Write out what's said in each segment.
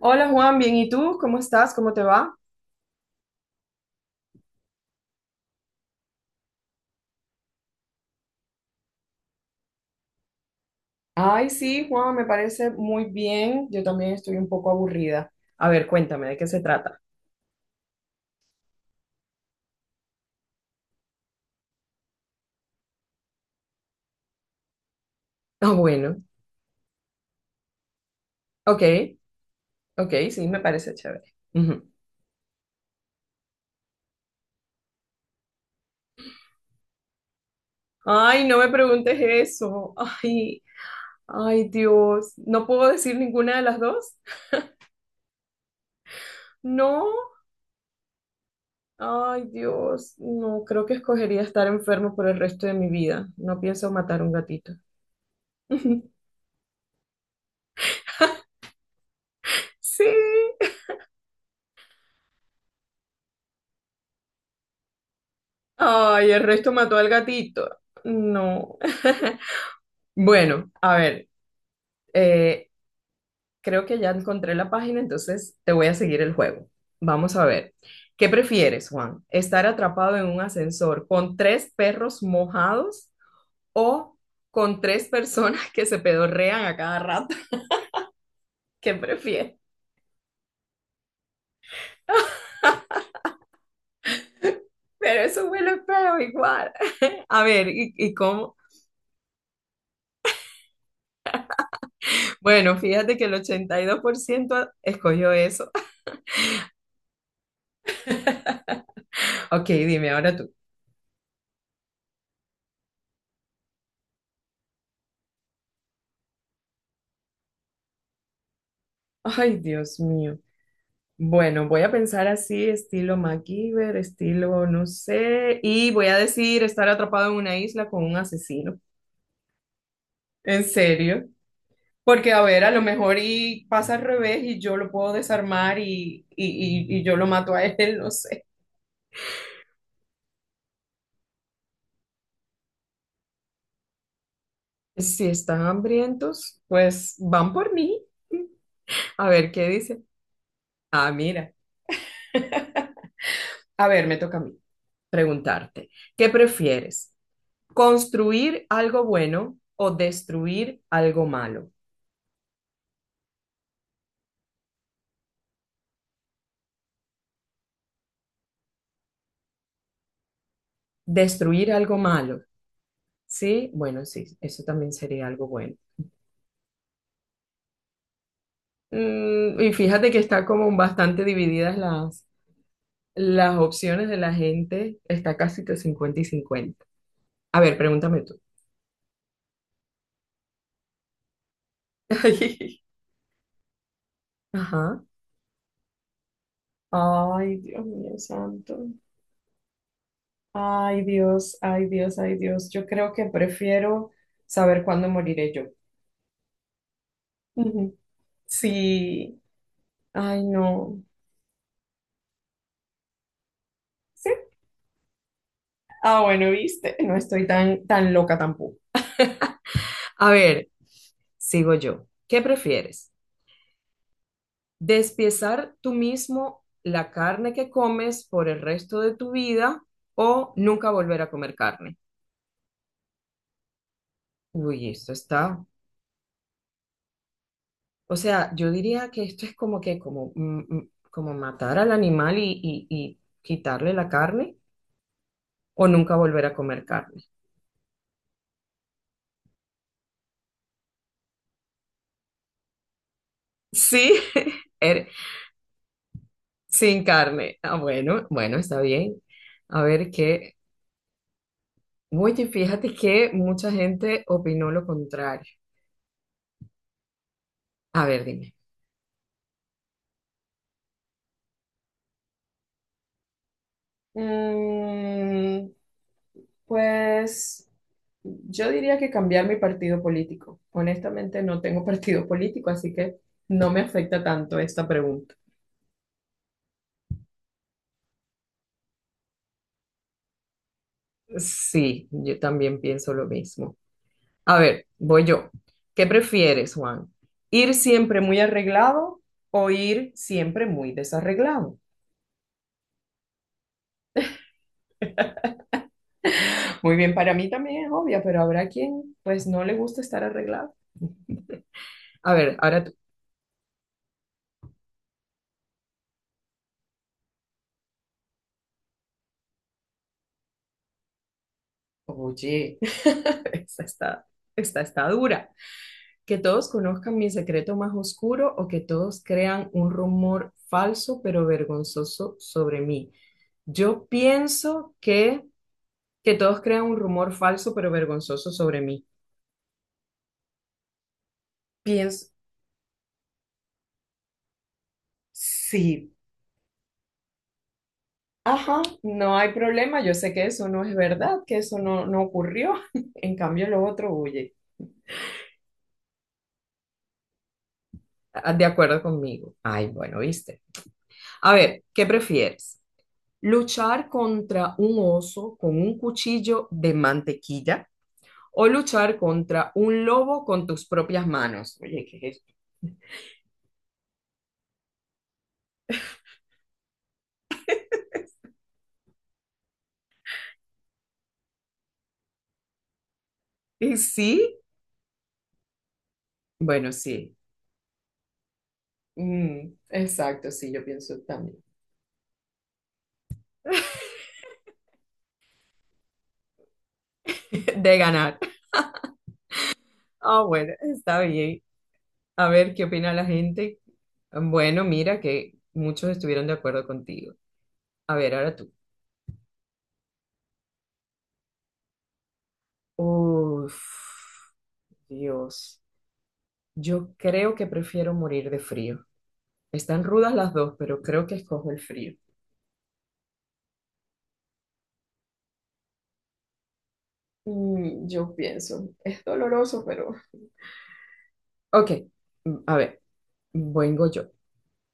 Hola Juan, bien, ¿y tú? ¿Cómo estás? ¿Cómo te va? Ay, sí, Juan, me parece muy bien. Yo también estoy un poco aburrida. A ver, cuéntame, ¿de qué se trata? Ah, bueno. Ok, ok, sí, me parece chévere. Ujú. Ay, no me preguntes eso. Ay, ay, Dios. ¿No puedo decir ninguna de las dos? No. Ay, Dios. No, creo que escogería estar enfermo por el resto de mi vida. No pienso matar un gatito. Sí. Ay, el resto mató al gatito. No. Bueno, a ver, eh, creo que ya encontré la página, entonces te voy a seguir el juego. Vamos a ver. ¿Qué prefieres, Juan? ¿Estar atrapado en un ascensor con tres perros mojados o con tres personas que se pedorrean a cada rato? ¿Qué prefieres? Pero eso huele feo igual. A ver, ¿y cómo? Bueno, fíjate que el 82% escogió eso. Ok, dime ahora tú. Ay, Dios mío. Bueno, voy a pensar así, estilo MacGyver, estilo no sé, y voy a decir estar atrapado en una isla con un asesino. En serio. Porque, a ver, a lo mejor y pasa al revés y yo lo puedo desarmar y yo lo mato a él, no sé. Si están hambrientos, pues van por mí. A ver qué dice. Ah, mira. A ver, me toca a mí preguntarte. ¿Qué prefieres? ¿Construir algo bueno o destruir algo malo? Destruir algo malo, ¿sí? Bueno, sí, eso también sería algo bueno. Mm, y fíjate que está como bastante divididas las opciones de la gente, está casi que 50 y cincuenta. A ver, pregúntame tú. Ajá. Ay, Dios mío santo. Ay, Dios, ay, Dios, ay, Dios. Yo creo que prefiero saber cuándo moriré yo. Ujú. Sí. Ay, no. Sí. Ah, bueno, viste, no estoy tan, tan loca tampoco. A ver, sigo yo. ¿Qué prefieres? ¿Despiezar tú mismo la carne que comes por el resto de tu vida o nunca volver a comer carne? Uy, esto está. O sea, yo diría que esto es como que como, como matar al animal y, y quitarle la carne o nunca volver a comer carne. Sí, er- sin carne. Ah, bueno, bueno, está bien. A ver qué. Oye, fíjate que mucha gente opinó lo contrario. A ver, dime. Mm, pues yo diría que cambiar mi partido político. Honestamente, no tengo partido político, así que no me afecta tanto esta pregunta. Sí, yo también pienso lo mismo. A ver, voy yo. ¿Qué prefieres, Juan? ¿Ir siempre muy arreglado o ir siempre muy desarreglado? Muy bien, para mí también es obvia, pero habrá quien pues no le gusta estar arreglado. A ver, ahora tú. Oye, esta está, esta está dura. Que todos conozcan mi secreto más oscuro o que todos crean un rumor falso pero vergonzoso sobre mí. Yo pienso que todos crean un rumor falso pero vergonzoso sobre mí. Pienso, sí, ajá, no hay problema, yo sé que eso no es verdad, que eso no ocurrió, en cambio lo otro huye. Ah, de acuerdo conmigo. Ay, bueno, viste. A ver, ¿qué prefieres? ¿Luchar contra un oso con un cuchillo de mantequilla o luchar contra un lobo con tus propias manos? Oye, ¿qué es esto? ¿Y sí? Bueno, sí. Mm, exacto, sí, yo pienso también. De ganar. Ah, bueno, está bien. A ver qué opina la gente. Bueno, mira que muchos estuvieron de acuerdo contigo. A ver, ahora tú. Uf, Dios. Yo creo que prefiero morir de frío. Están rudas las dos, pero creo que escojo el frío. Mm, yo pienso, es doloroso, pero Ok, mm, a ver, vengo yo.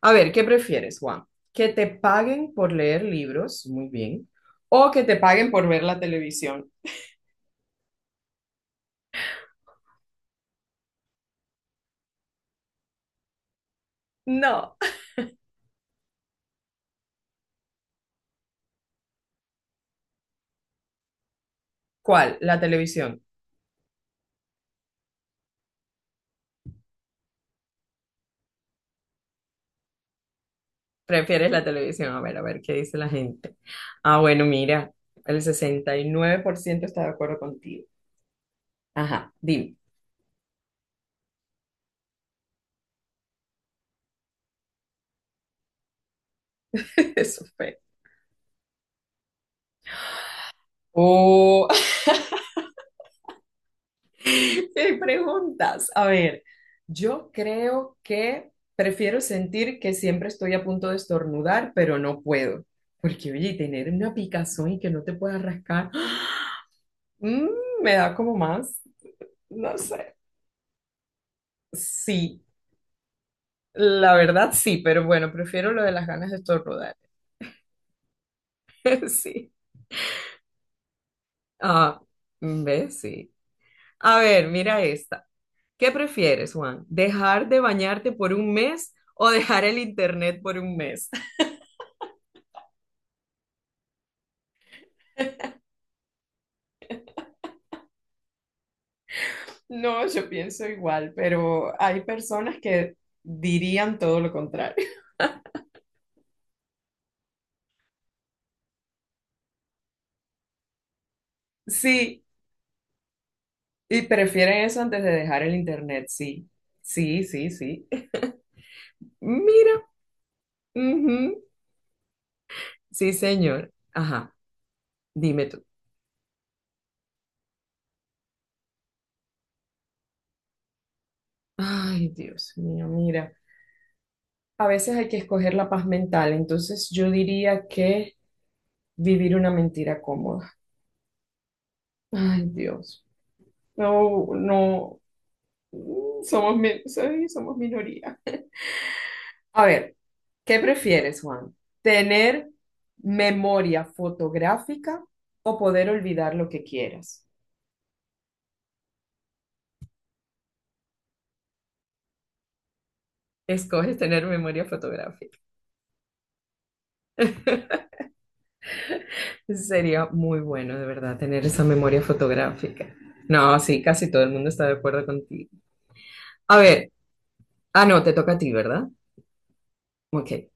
A ver, ¿qué prefieres, Juan? ¿Que te paguen por leer libros? Muy bien. ¿O que te paguen por ver la televisión? No. ¿Cuál? La televisión. ¿Prefieres la televisión? A ver, ¿qué dice la gente? Ah, bueno, mira, el 69% está de acuerdo contigo. Ajá, dime. Eso fue. O me preguntas. A ver, yo creo que prefiero sentir que siempre estoy a punto de estornudar, pero no puedo. Porque, oye, tener una picazón y que no te puedas rascar, mm, me da como más, no sé. Sí, la verdad sí, pero bueno, prefiero lo de las ganas de estornudar. Sí. Ah, ¿ves? Sí. A ver, mira esta. ¿Qué prefieres, Juan? ¿Dejar de bañarte por un mes o dejar el internet por un mes? No, yo pienso igual, pero hay personas que dirían todo lo contrario. Sí, y prefieren eso antes de dejar el internet, sí. Sí, sí, sí. Mira, ujú, sí, señor. Ajá, dime tú. Ay, Dios mío, mira. A veces hay que escoger la paz mental, entonces yo diría que vivir una mentira cómoda. Ay, Dios. No, no, somos, sí, somos minoría. A ver, ¿qué prefieres, Juan? ¿Tener memoria fotográfica o poder olvidar lo que quieras? Escoges tener memoria fotográfica. Sería muy bueno, de verdad, tener esa memoria fotográfica. No, sí, casi todo el mundo está de acuerdo contigo. A ver, ah, no, te toca a ti, ¿verdad? Ok.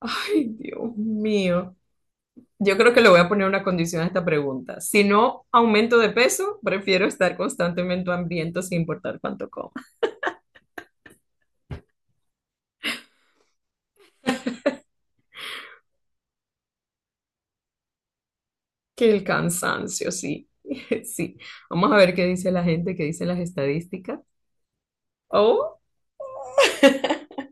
Ay, Dios mío. Yo creo que le voy a poner una condición a esta pregunta. Si no aumento de peso, prefiero estar constantemente hambriento sin importar cuánto como. Que el cansancio, sí, sí. Vamos a ver qué dice la gente, qué dicen las estadísticas. Oh,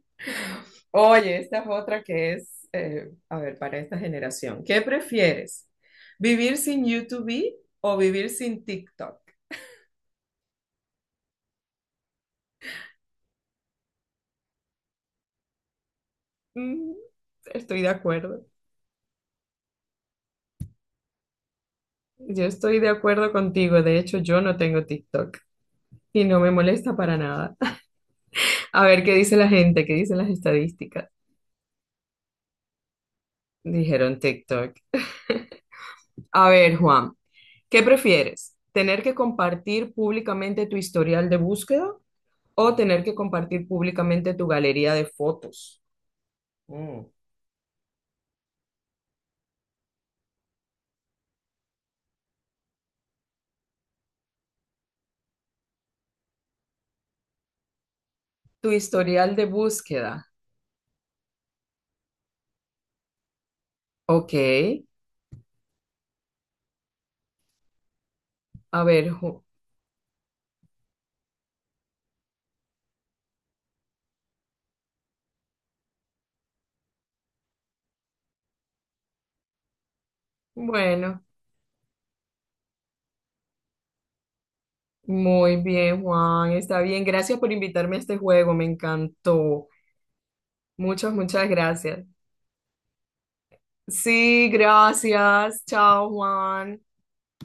oye, esta es otra que es, a ver, para esta generación. ¿Qué prefieres? ¿Vivir sin YouTube o vivir sin TikTok? Mm, estoy de acuerdo. Yo estoy de acuerdo contigo. De hecho, yo no tengo TikTok y no me molesta para nada. A ver qué dice la gente, qué dicen las estadísticas. Dijeron TikTok. A ver, Juan, ¿qué prefieres? ¿Tener que compartir públicamente tu historial de búsqueda o tener que compartir públicamente tu galería de fotos? Mm. Tu historial de búsqueda. Ok. A ver, bueno, muy bien, Juan. Está bien. Gracias por invitarme a este juego. Me encantó. Muchas, muchas gracias. Sí, gracias. Chao, Juan.